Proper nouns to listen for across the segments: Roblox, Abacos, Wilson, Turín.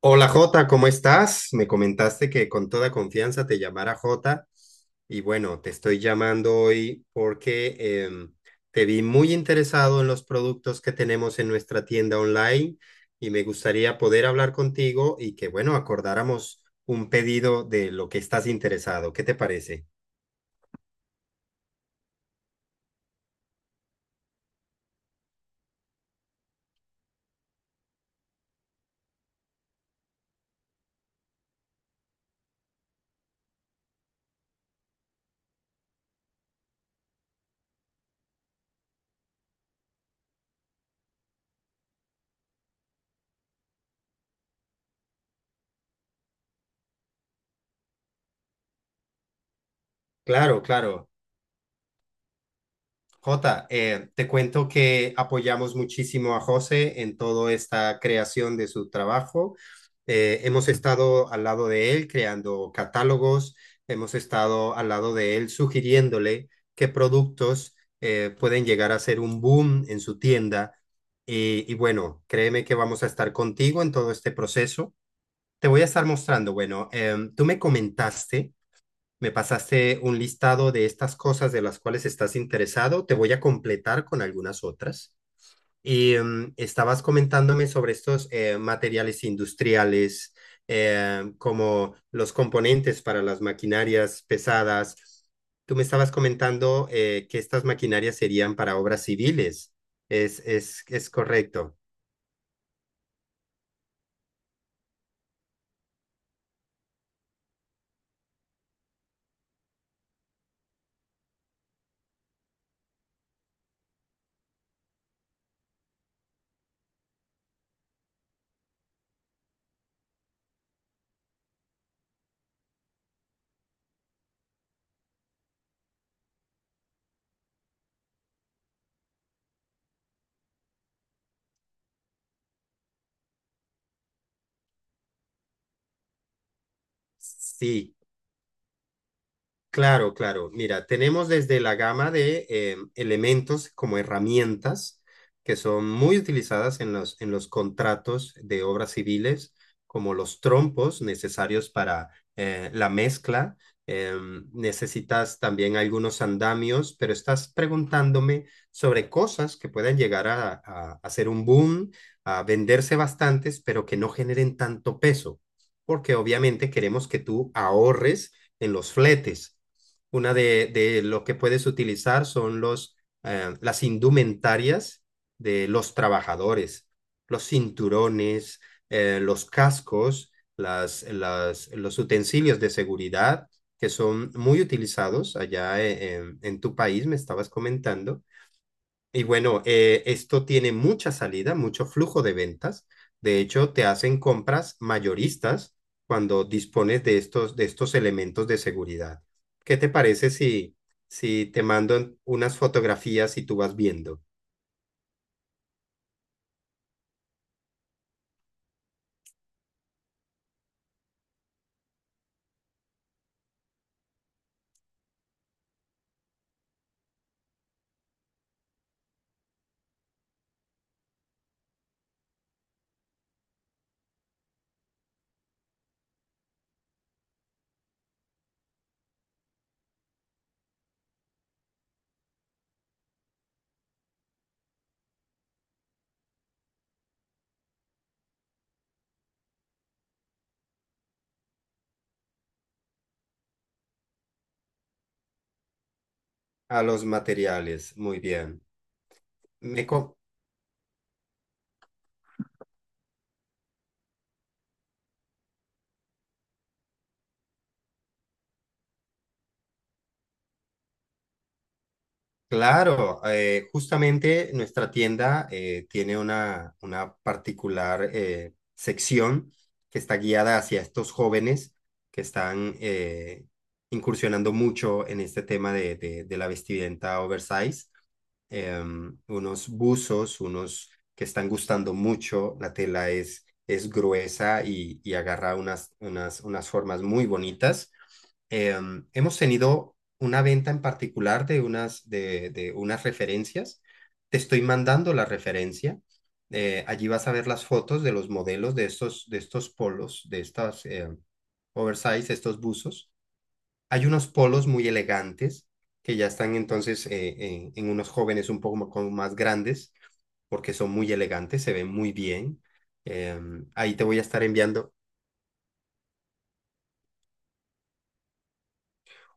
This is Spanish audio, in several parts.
Hola Jota, ¿cómo estás? Me comentaste que con toda confianza te llamara Jota y bueno, te estoy llamando hoy porque te vi muy interesado en los productos que tenemos en nuestra tienda online y me gustaría poder hablar contigo y que bueno, acordáramos un pedido de lo que estás interesado. ¿Qué te parece? Claro, claro. Jota, te cuento que apoyamos muchísimo a José en toda esta creación de su trabajo. Hemos estado al lado de él creando catálogos, hemos estado al lado de él sugiriéndole qué productos pueden llegar a ser un boom en su tienda. Y bueno, créeme que vamos a estar contigo en todo este proceso. Te voy a estar mostrando, bueno, tú me comentaste, me pasaste un listado de estas cosas de las cuales estás interesado. Te voy a completar con algunas otras. Y estabas comentándome sobre estos materiales industriales, como los componentes para las maquinarias pesadas. Tú me estabas comentando que estas maquinarias serían para obras civiles. ¿Es correcto? Sí. Claro, claro. Mira, tenemos desde la gama de elementos como herramientas que son muy utilizadas en los contratos de obras civiles, como los trompos necesarios para la mezcla. Necesitas también algunos andamios, pero estás preguntándome sobre cosas que puedan llegar a hacer un boom, a venderse bastantes, pero que no generen tanto peso, porque obviamente queremos que tú ahorres en los fletes, una de lo que puedes utilizar son las indumentarias de los trabajadores, los cinturones, los cascos, los utensilios de seguridad que son muy utilizados allá, en tu país, me estabas comentando. Y bueno, esto tiene mucha salida, mucho flujo de ventas. De hecho, te hacen compras mayoristas cuando dispones de estos elementos de seguridad. ¿Qué te parece si te mando unas fotografías y tú vas viendo? A los materiales, muy bien. Me, co- Claro justamente nuestra tienda tiene una particular, sección que está guiada hacia estos jóvenes que están incursionando mucho en este tema de la vestimenta oversize. Unos buzos, unos que están gustando mucho, la tela es gruesa y agarra unas formas muy bonitas. Hemos tenido una venta en particular de unas referencias. Te estoy mandando la referencia. Allí vas a ver las fotos de los modelos de estos polos, de estas oversize, estos buzos. Hay unos polos muy elegantes que ya están entonces, en unos jóvenes un poco como más grandes porque son muy elegantes, se ven muy bien. Ahí te voy a estar enviando.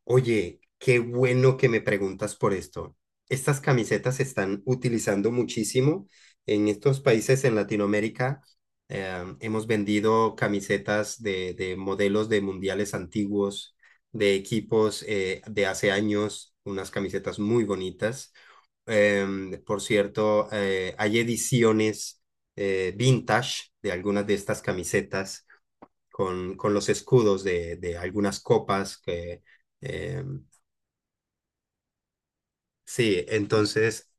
Oye, qué bueno que me preguntas por esto. Estas camisetas se están utilizando muchísimo en estos países en Latinoamérica. Hemos vendido camisetas de modelos de mundiales antiguos, de equipos, de hace años, unas camisetas muy bonitas. Por cierto, hay ediciones vintage de algunas de estas camisetas con los escudos de algunas copas em, Sí, entonces,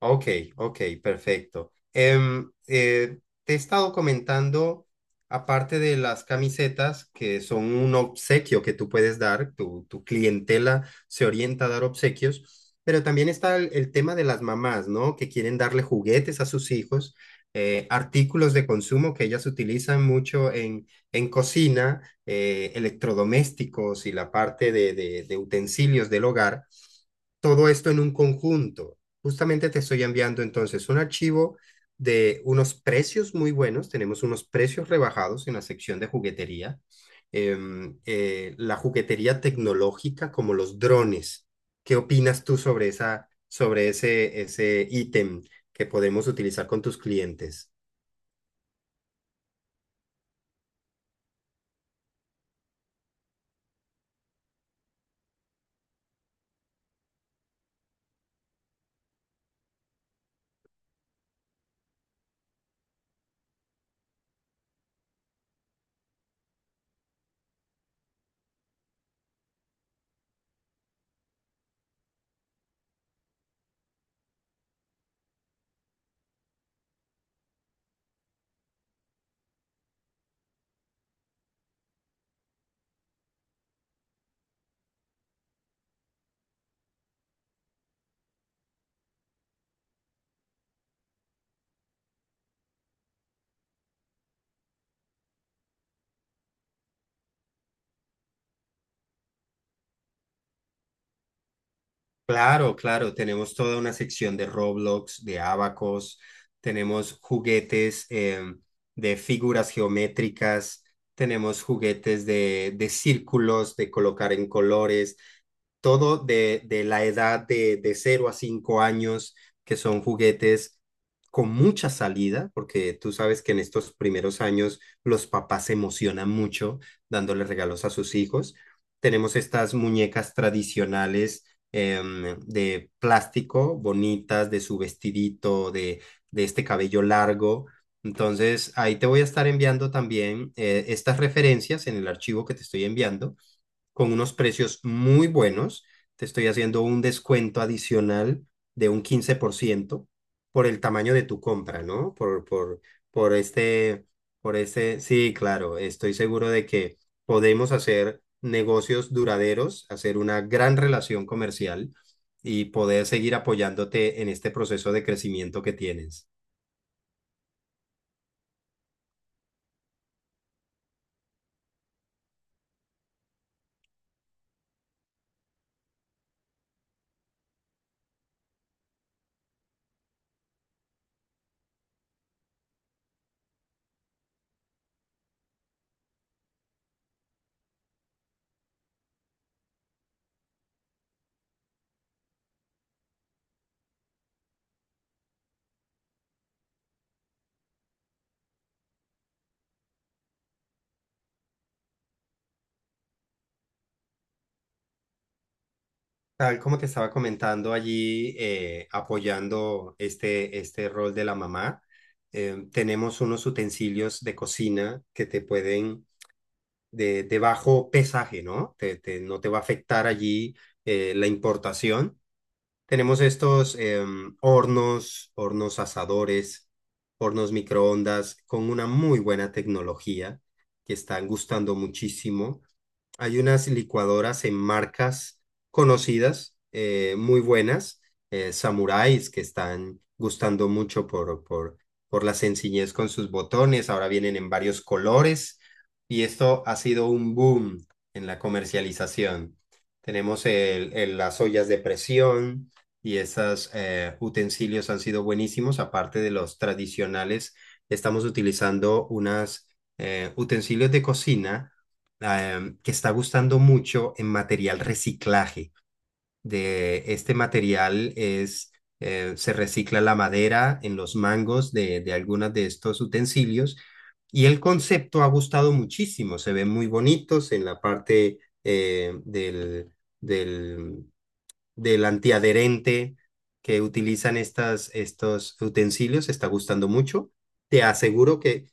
ok, ok, perfecto. Te he estado comentando, aparte de las camisetas, que son un obsequio que tú puedes dar, tu clientela se orienta a dar obsequios, pero también está el tema de las mamás, ¿no? Que quieren darle juguetes a sus hijos, artículos de consumo que ellas utilizan mucho en cocina, electrodomésticos y la parte de utensilios del hogar, todo esto en un conjunto. Justamente te estoy enviando entonces un archivo de unos precios muy buenos. Tenemos unos precios rebajados en la sección de juguetería. La juguetería tecnológica como los drones. ¿Qué opinas tú sobre ese ítem que podemos utilizar con tus clientes? Claro, claro, tenemos toda una sección de Roblox, de Abacos, tenemos juguetes, de figuras geométricas, tenemos juguetes de círculos, de colocar en colores, todo de la edad de 0 a 5 años, que son juguetes con mucha salida, porque tú sabes que en estos primeros años los papás se emocionan mucho dándole regalos a sus hijos. Tenemos estas muñecas tradicionales, de plástico, bonitas, de su vestidito, de este cabello largo. Entonces, ahí te voy a estar enviando también estas referencias en el archivo que te estoy enviando con unos precios muy buenos. Te estoy haciendo un descuento adicional de un 15% por el tamaño de tu compra, ¿no? Por este, por este, sí, claro, estoy seguro de que podemos hacer negocios duraderos, hacer una gran relación comercial y poder seguir apoyándote en este proceso de crecimiento que tienes. Tal como te estaba comentando allí, apoyando este rol de la mamá, tenemos unos utensilios de cocina que te pueden, de bajo pesaje, ¿no? No te va a afectar allí la importación. Tenemos estos, hornos, hornos asadores, hornos microondas con una muy buena tecnología que están gustando muchísimo. Hay unas licuadoras en marcas conocidas, muy buenas, samuráis que están gustando mucho por la sencillez con sus botones, ahora vienen en varios colores y esto ha sido un boom en la comercialización. Tenemos las ollas de presión y esos utensilios han sido buenísimos. Aparte de los tradicionales, estamos utilizando unas, utensilios de cocina, que está gustando mucho en material reciclaje. De este material es, se recicla la madera en los mangos de algunos de estos utensilios y el concepto ha gustado muchísimo. Se ven muy bonitos en la parte, eh, del, del, del antiadherente que utilizan estos utensilios. Está gustando mucho. Te aseguro que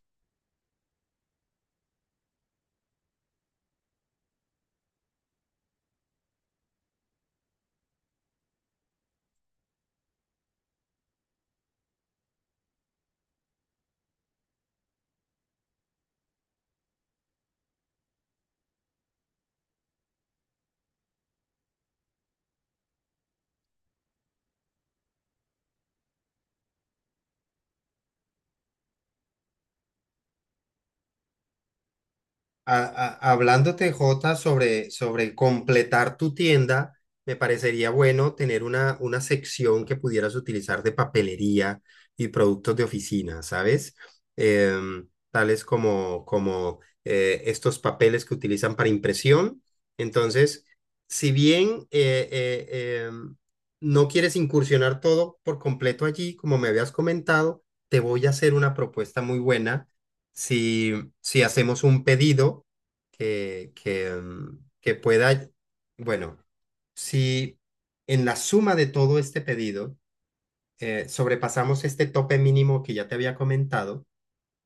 a- hablándote, Jota, sobre completar tu tienda, me parecería bueno tener una sección que pudieras utilizar de papelería y productos de oficina, ¿sabes? Tales como estos papeles que utilizan para impresión. Entonces, si bien no quieres incursionar todo por completo allí, como me habías comentado, te voy a hacer una propuesta muy buena. Si, si hacemos un pedido que pueda, bueno, si en la suma de todo este pedido sobrepasamos este tope mínimo que ya te había comentado,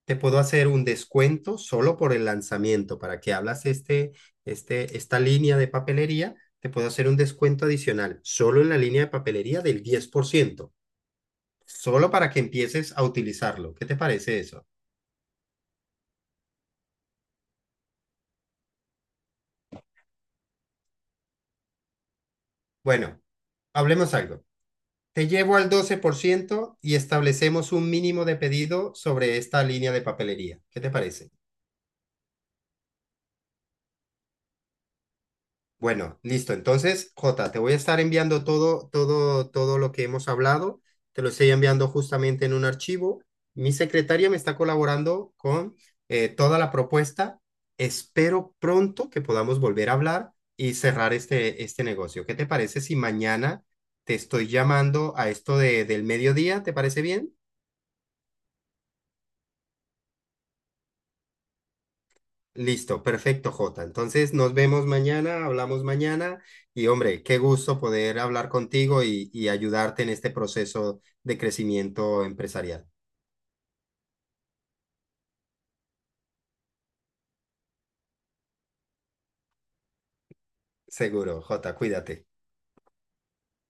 te puedo hacer un descuento solo por el lanzamiento, para que hablas esta línea de papelería, te puedo hacer un descuento adicional solo en la línea de papelería del 10%, solo para que empieces a utilizarlo. ¿Qué te parece eso? Bueno, hablemos algo. Te llevo al 12% y establecemos un mínimo de pedido sobre esta línea de papelería. ¿Qué te parece? Bueno, listo. Entonces, Jota, te voy a estar enviando todo, todo, todo lo que hemos hablado. Te lo estoy enviando justamente en un archivo. Mi secretaria me está colaborando con, toda la propuesta. Espero pronto que podamos volver a hablar y cerrar este negocio. ¿Qué te parece si mañana te estoy llamando a esto del mediodía? ¿Te parece bien? Listo, perfecto, Jota. Entonces nos vemos mañana, hablamos mañana, y hombre, qué gusto poder hablar contigo y ayudarte en este proceso de crecimiento empresarial. Seguro, Jota, cuídate.